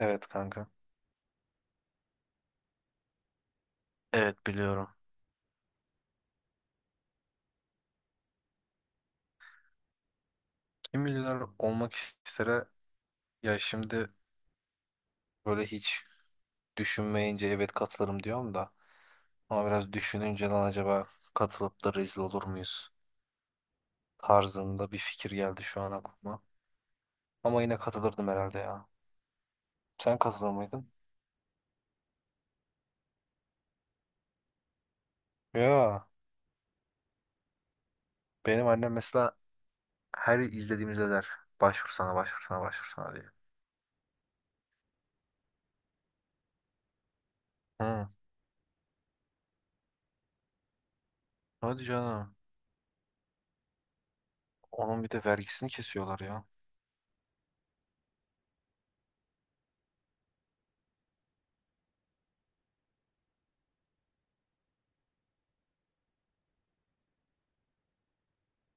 Evet kanka. Evet biliyorum. Kim milyoner olmak istere ya şimdi böyle hiç düşünmeyince evet katılırım diyorum da ama biraz düşününce lan acaba katılıp da rezil olur muyuz tarzında bir fikir geldi şu an aklıma. Ama yine katılırdım herhalde ya. Sen katılır mıydın? Ya benim annem mesela her izlediğimizde der başvursana başvursana başvursana diye. Hı. Hadi canım. Onun bir de vergisini kesiyorlar ya.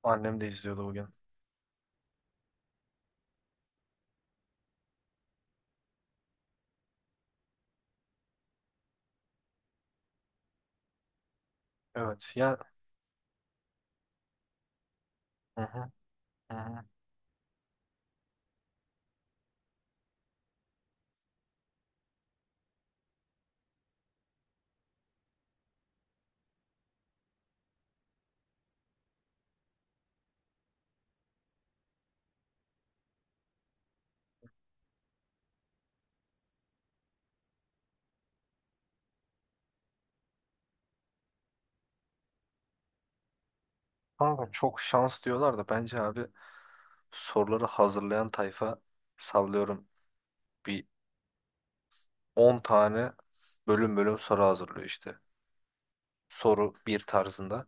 Annem de izliyordu bugün. Evet ya. Hı hı. Hı hı. Kanka çok şans diyorlar da bence abi soruları hazırlayan tayfa sallıyorum bir 10 tane bölüm bölüm soru hazırlıyor işte. Soru bir tarzında.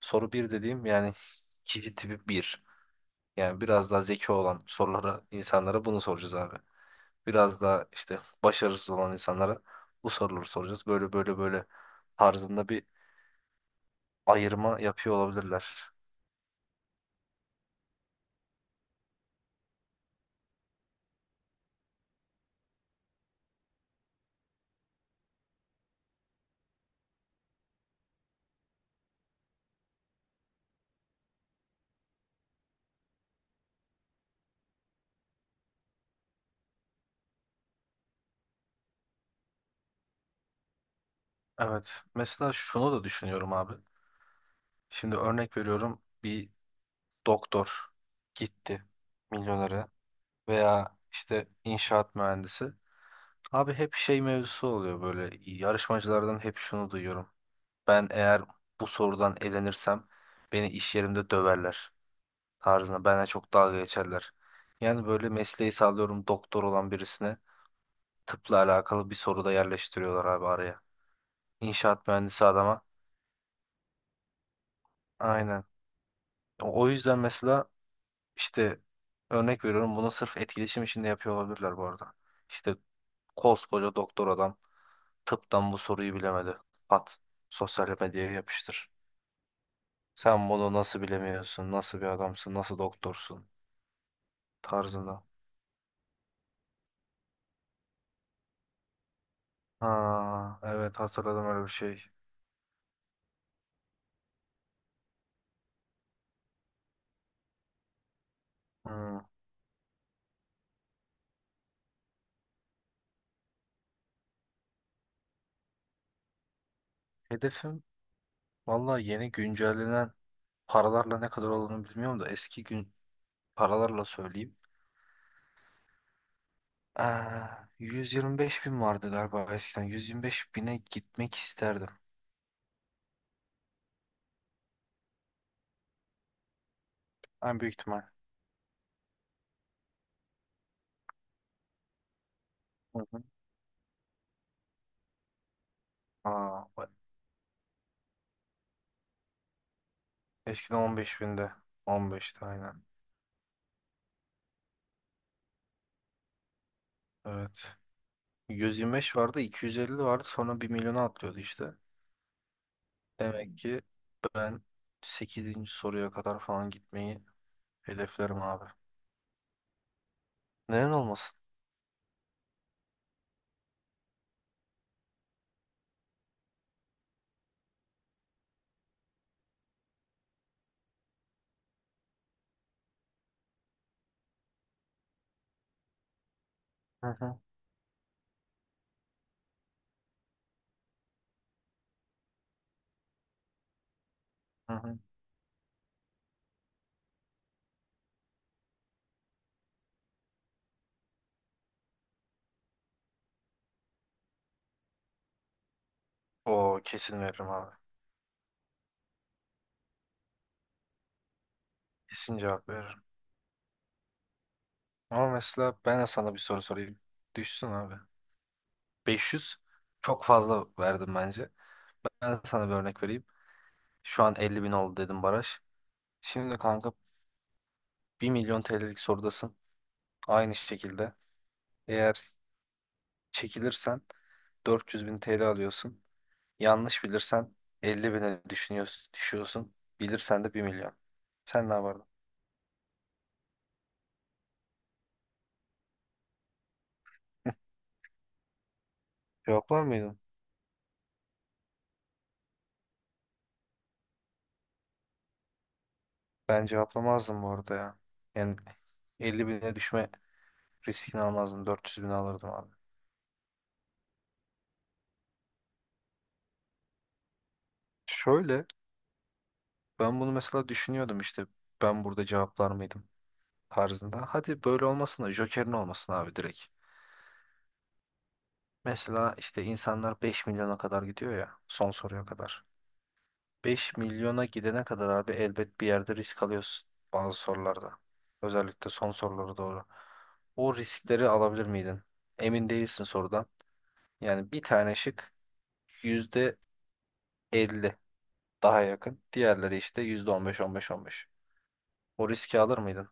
Soru bir dediğim yani kişi tipi bir yani biraz daha zeki olan sorulara insanlara bunu soracağız abi. Biraz daha işte başarısız olan insanlara bu soruları soracağız. Böyle böyle böyle tarzında bir ayırma yapıyor olabilirler. Evet. Mesela şunu da düşünüyorum abi. Şimdi örnek veriyorum. Bir doktor gitti milyonere veya işte inşaat mühendisi. Abi hep şey mevzusu oluyor böyle yarışmacılardan hep şunu duyuyorum. Ben eğer bu sorudan elenirsem beni iş yerimde döverler tarzına bana çok dalga geçerler. Yani böyle mesleği sağlıyorum doktor olan birisine tıpla alakalı bir soru da yerleştiriyorlar abi araya. İnşaat mühendisi adama. Aynen. O yüzden mesela işte örnek veriyorum bunu sırf etkileşim için de yapıyor olabilirler bu arada. İşte koskoca doktor adam tıptan bu soruyu bilemedi. At. Sosyal medyaya yapıştır. Sen bunu nasıl bilemiyorsun? Nasıl bir adamsın? Nasıl doktorsun? Tarzında. Ha, evet hatırladım öyle bir şey. Hmm. Hedefim vallahi yeni güncellenen paralarla ne kadar olduğunu bilmiyorum da eski gün paralarla söyleyeyim. Aa, 125 bin vardı galiba eskiden. 125 bine gitmek isterdim. En büyük ihtimal. Hı hı. Aa, bak. Eskiden 15 binde. 15'te aynen. Evet. 125 vardı, 250 vardı. Sonra bir milyona atlıyordu işte. Demek ki ben sekizinci soruya kadar falan gitmeyi hedeflerim abi. Neden olmasın? Hı hı. Hı hı. Oo, kesin veririm abi. Kesin cevap veririm. Ama mesela ben de sana bir soru sorayım. Düşsün abi. 500 çok fazla verdim bence. Ben de sana bir örnek vereyim. Şu an 50 bin oldu dedim baraj. Şimdi kanka bir milyon TL'lik sorudasın. Aynı şekilde. Eğer çekilirsen 400 bin TL alıyorsun. Yanlış bilirsen 50 bine düşüyorsun. Bilirsen de bir milyon. Sen ne yapardın? Cevaplar mıydın? Ben cevaplamazdım bu arada ya. Yani 50 bine düşme riskini almazdım. 400 bine alırdım abi. Şöyle ben bunu mesela düşünüyordum işte. Ben burada cevaplar mıydım tarzında. Hadi böyle olmasın da Joker'in olmasın abi direkt. Mesela işte insanlar 5 milyona kadar gidiyor ya son soruya kadar. 5 milyona gidene kadar abi elbet bir yerde risk alıyorsun bazı sorularda. Özellikle son sorulara doğru. O riskleri alabilir miydin? Emin değilsin sorudan. Yani bir tane şık %50 daha yakın. Diğerleri işte %15, 15, 15. O riski alır mıydın?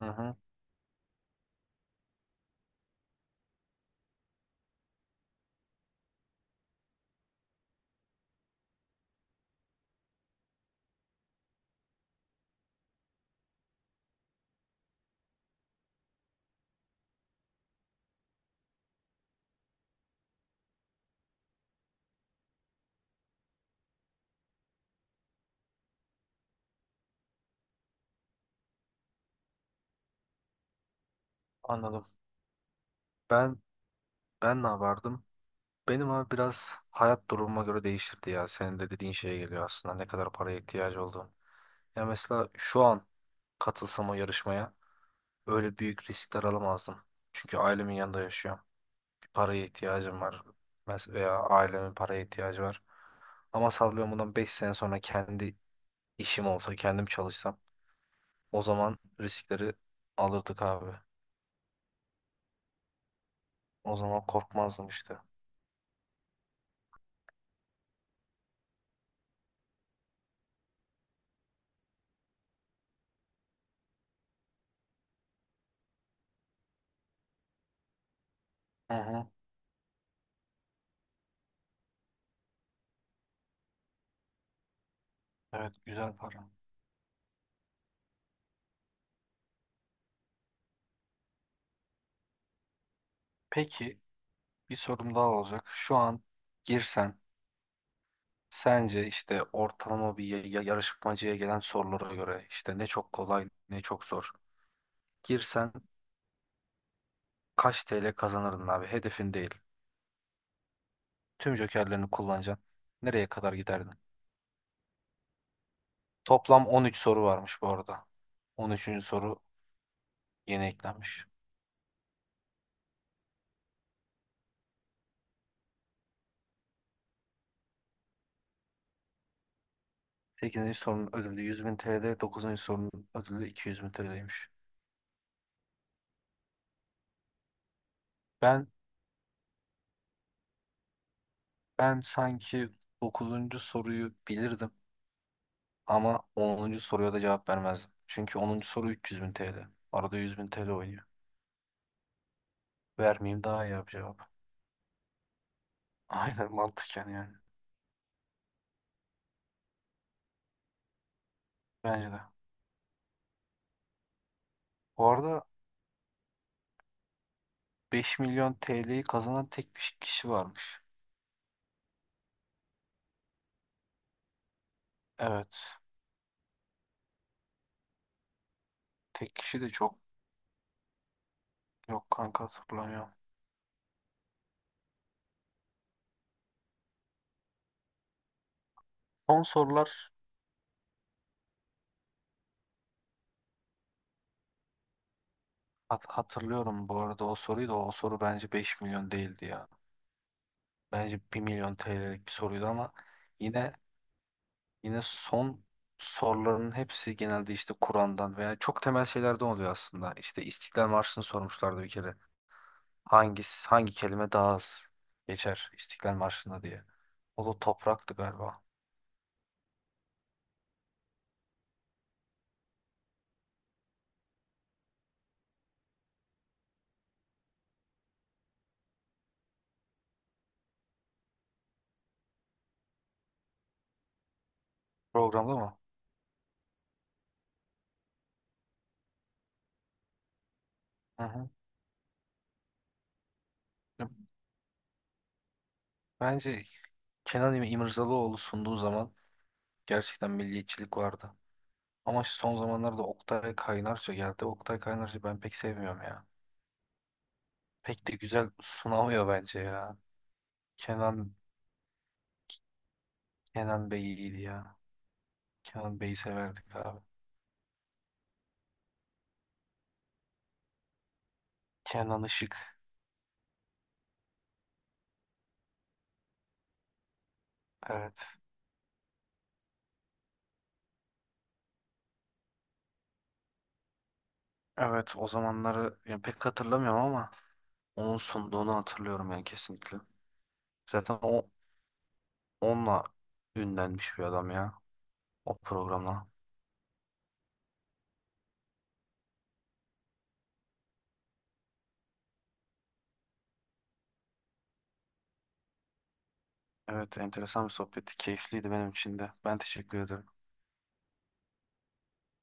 Hı hı, anladım. Ben ben ne yapardım? Benim abi biraz hayat durumuma göre değişirdi ya. Senin de dediğin şeye geliyor aslında. Ne kadar paraya ihtiyacı olduğun. Ya mesela şu an katılsam o yarışmaya öyle büyük riskler alamazdım. Çünkü ailemin yanında yaşıyorum. Bir paraya ihtiyacım var. Veya ailemin paraya ihtiyacı var. Ama sallıyorum bundan 5 sene sonra kendi işim olsa, kendim çalışsam o zaman riskleri alırdık abi. O zaman korkmazdım işte. Hı hı. Evet, güzel para. Peki bir sorum daha olacak. Şu an girsen sence işte ortalama bir yarışmacıya gelen sorulara göre işte ne çok kolay ne çok zor. Girsen kaç TL kazanırdın abi? Hedefin değil. Tüm jokerlerini kullanacaksın. Nereye kadar giderdin? Toplam 13 soru varmış bu arada. 13. soru yeni eklenmiş. 8. sorunun ödülü 100 bin TL, 9. sorunun ödülü 200 bin TL'ymiş. Ben ben sanki 9. soruyu bilirdim ama 10. soruya da cevap vermezdim. Çünkü 10. soru 300 bin TL. Arada 100 bin TL oynuyor. Vermeyeyim daha iyi abi cevap. Aynen mantıken yani. Bence de. Bu arada 5 milyon TL'yi kazanan tek bir kişi varmış. Evet. Tek kişi de çok yok kanka hatırlamıyorum. Son sorular hatırlıyorum bu arada o soruyu da o soru bence 5 milyon değildi ya. Bence bir milyon TL'lik bir soruydu ama yine yine son soruların hepsi genelde işte Kur'an'dan veya çok temel şeylerden oluyor aslında. İşte İstiklal Marşı'nı sormuşlardı bir kere. Hangi kelime daha az geçer İstiklal Marşı'nda diye. O da topraktı galiba. Programda mı? Hı hı. Bence Kenan İmirzalıoğlu sunduğu zaman gerçekten milliyetçilik vardı. Ama şu son zamanlarda Oktay Kaynarca geldi. Oktay Kaynarca ben pek sevmiyorum ya. Pek de güzel sunamıyor bence ya. Kenan Kenan Bey iyiydi ya. Kenan Bey'i severdik abi. Kenan Işık. Evet. Evet o zamanları ya pek hatırlamıyorum ama onun sunduğunu hatırlıyorum yani kesinlikle. Zaten o onunla ünlenmiş bir adam ya o programla. Evet, enteresan bir sohbetti. Keyifliydi benim için de. Ben teşekkür ederim.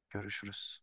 Görüşürüz.